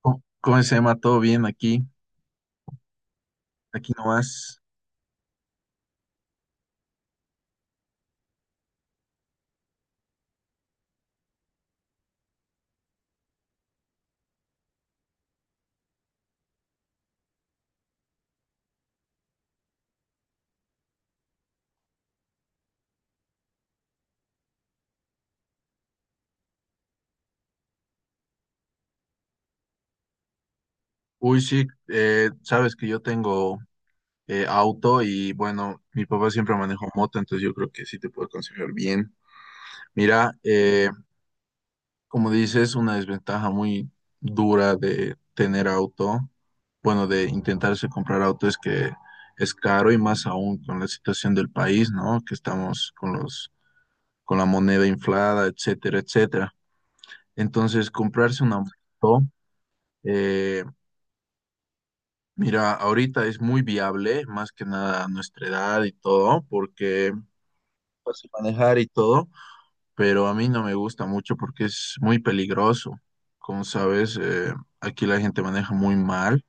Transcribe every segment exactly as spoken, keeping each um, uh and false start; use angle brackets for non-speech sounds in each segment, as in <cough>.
¿Cómo, cómo se llama? ¿Todo bien aquí? Aquí nomás. Uy, sí, eh, sabes que yo tengo eh, auto y bueno, mi papá siempre manejó moto, entonces yo creo que sí te puedo aconsejar bien. Mira, eh, como dices, una desventaja muy dura de tener auto, bueno, de intentarse comprar auto es que es caro y más aún con la situación del país, ¿no? Que estamos con los, con la moneda inflada, etcétera, etcétera. Entonces, comprarse una moto. eh, Mira, ahorita es muy viable, más que nada a nuestra edad y todo, porque fácil manejar y todo, pero a mí no me gusta mucho porque es muy peligroso. Como sabes, eh, aquí la gente maneja muy mal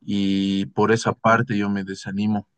y por esa parte yo me desanimo.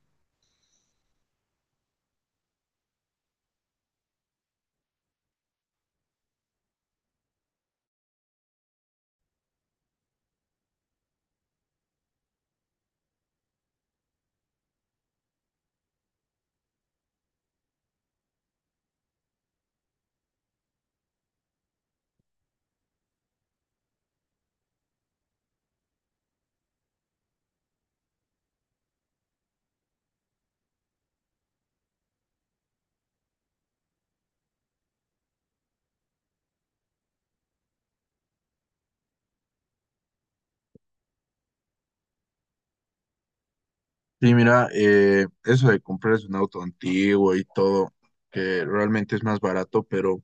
Sí, mira, eh, eso de comprarse un auto antiguo y todo, que realmente es más barato, pero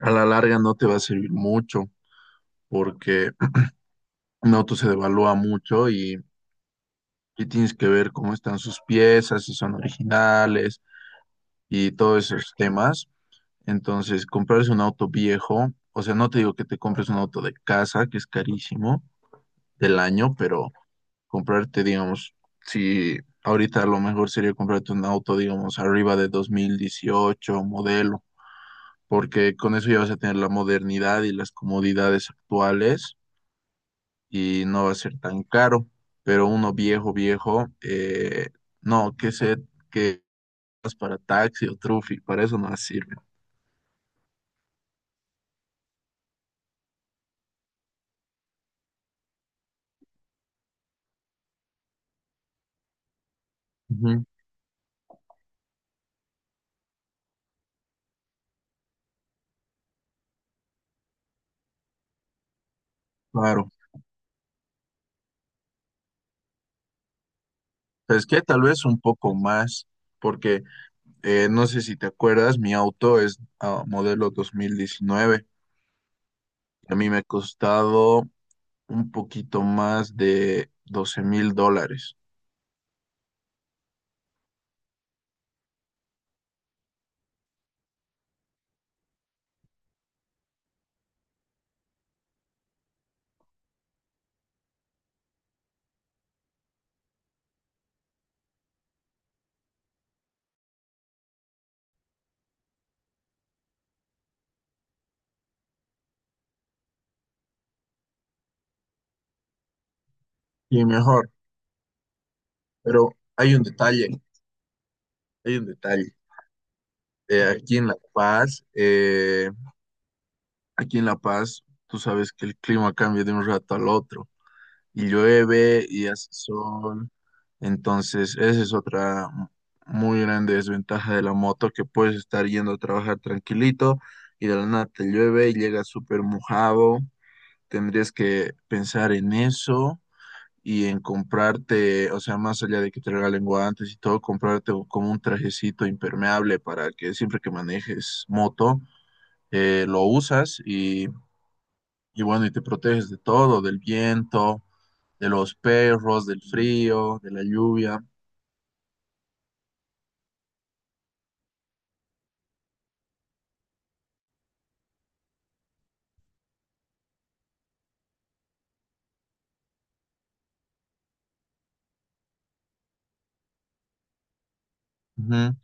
a la larga no te va a servir mucho porque un auto se devalúa mucho y y tienes que ver cómo están sus piezas, si son originales y todos esos temas. Entonces, comprarse un auto viejo, o sea, no te digo que te compres un auto de casa, que es carísimo del año, pero comprarte, digamos, si ahorita lo mejor sería comprarte un auto, digamos, arriba de dos mil dieciocho modelo, porque con eso ya vas a tener la modernidad y las comodidades actuales y no va a ser tan caro, pero uno viejo, viejo, eh, no, que se, pues, para taxi o trufi, para eso no las sirven. Ujú. Claro, pues que tal vez un poco más, porque eh, no sé si te acuerdas, mi auto es ah, modelo dos mil diecinueve, a mí me ha costado un poquito más de doce mil dólares. Y mejor, pero hay un detalle, hay un detalle. Eh, aquí en La Paz, eh, aquí en La Paz, tú sabes que el clima cambia de un rato al otro. Y llueve y hace sol. Entonces, esa es otra muy grande desventaja de la moto, que puedes estar yendo a trabajar tranquilito y de la nada te llueve y llegas súper mojado. Tendrías que pensar en eso y en comprarte, o sea, más allá de que te regalen guantes y todo, comprarte u- como un trajecito impermeable para que siempre que manejes moto, eh, lo usas y, y bueno, y te proteges de todo, del viento de los perros, del frío, de la lluvia. Ujú.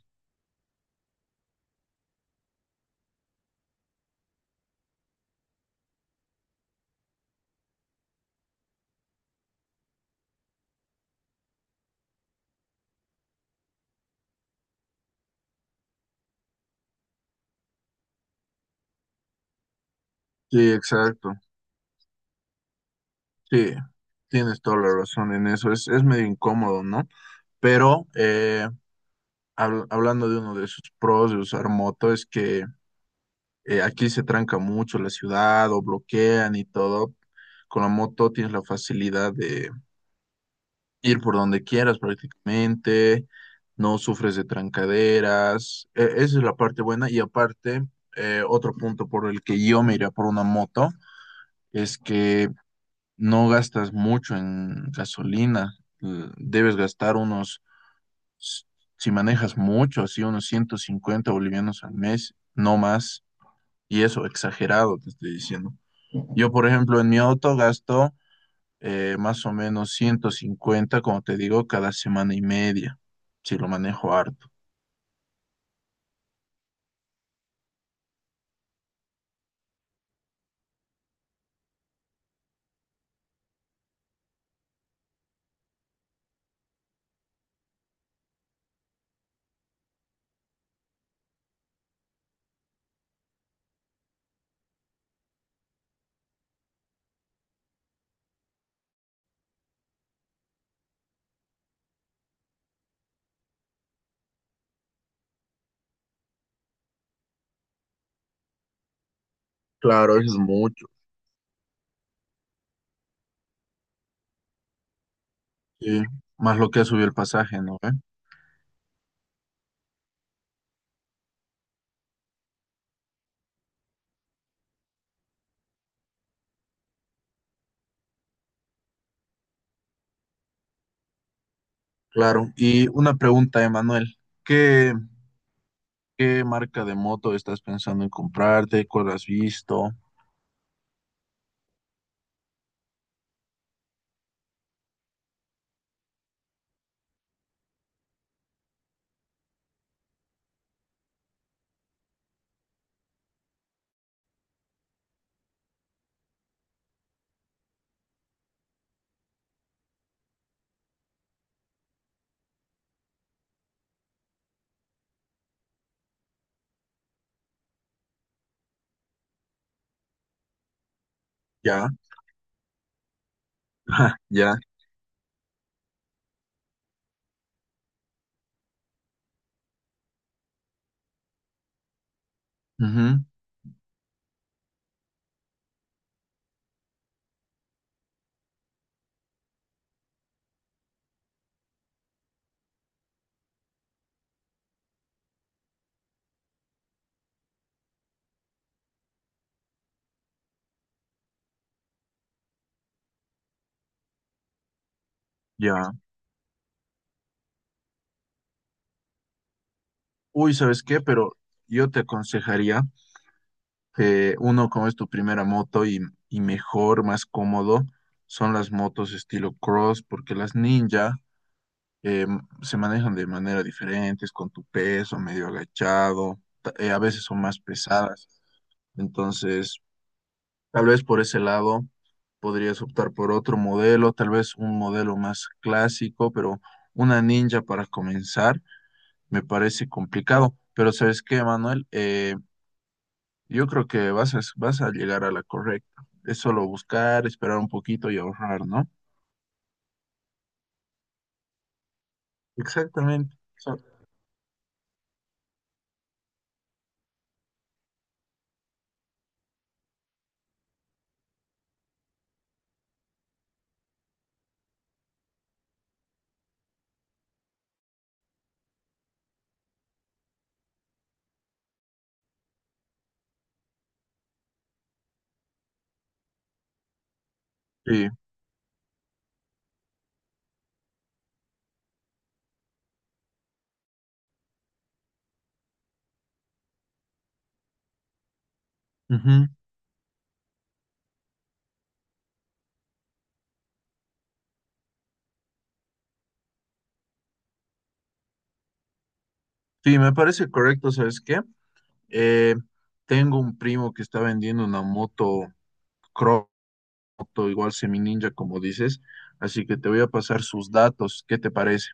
Sí, exacto. Sí, tienes toda la razón en eso. Es, es medio incómodo, ¿no? Pero eh, habl- hablando de uno de sus pros de usar moto, es que eh, aquí se tranca mucho la ciudad o bloquean y todo. Con la moto tienes la facilidad ir por donde quieras prácticamente, no sufres de trancaderas, e- esa es la parte buena y aparte, eh, otro punto por el que yo me iría por una moto es que no gastas mucho en gasolina. L- debes gastar unos, s- si manejas mucho, así unos ciento cincuenta bolivianos al mes, no más, y eso exagerado te estoy diciendo. Yo, por ejemplo, en mi auto gasto eh, más o menos ciento cincuenta como te digo, cada semana y media, si lo manejo harto. Claro, eso es mucho. Sí, más lo que ha subido el pasaje, ¿no? ¿Ve? Claro. Y una pregunta, Emanuel. ¿Qué, ¿qué marca de moto estás pensando en comprarte? ¿Cuál has visto? Ya. <laughs> Ya. Ujú, ya. Uy, ¿sabes qué? Pero yo te aconsejaría que uno, como es tu primera moto y, y mejor, más cómodo, son las motos estilo cross, porque las ninja eh, se manejan de manera diferentes, con tu peso, medio agachado, ta- eh, a veces son más pesadas. Entonces, tal vez por ese lado podrías optar por otro modelo, tal vez un modelo más clásico, pero una ninja para comenzar me parece complicado. Pero ¿sabes qué, Manuel? Eh, yo creo que vas a, vas a llegar a la correcta. Es solo buscar, esperar un poquito y ahorrar, ¿no? Exactamente. So- Sí. Ujú. Sí, me parece correcto, ¿sabes qué? Eh, tengo un primo que está vendiendo una moto Croto, igual semi ninja, como dices, así que te voy a pasar sus datos. ¿Qué te parece?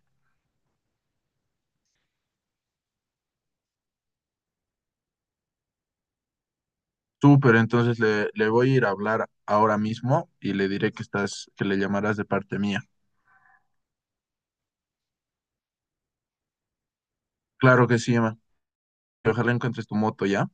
Súper, entonces le, le voy a ir a hablar ahora mismo y le diré que estás, que le llamarás de parte mía. Claro que sí, Emma. Ojalá encuentres tu moto ya.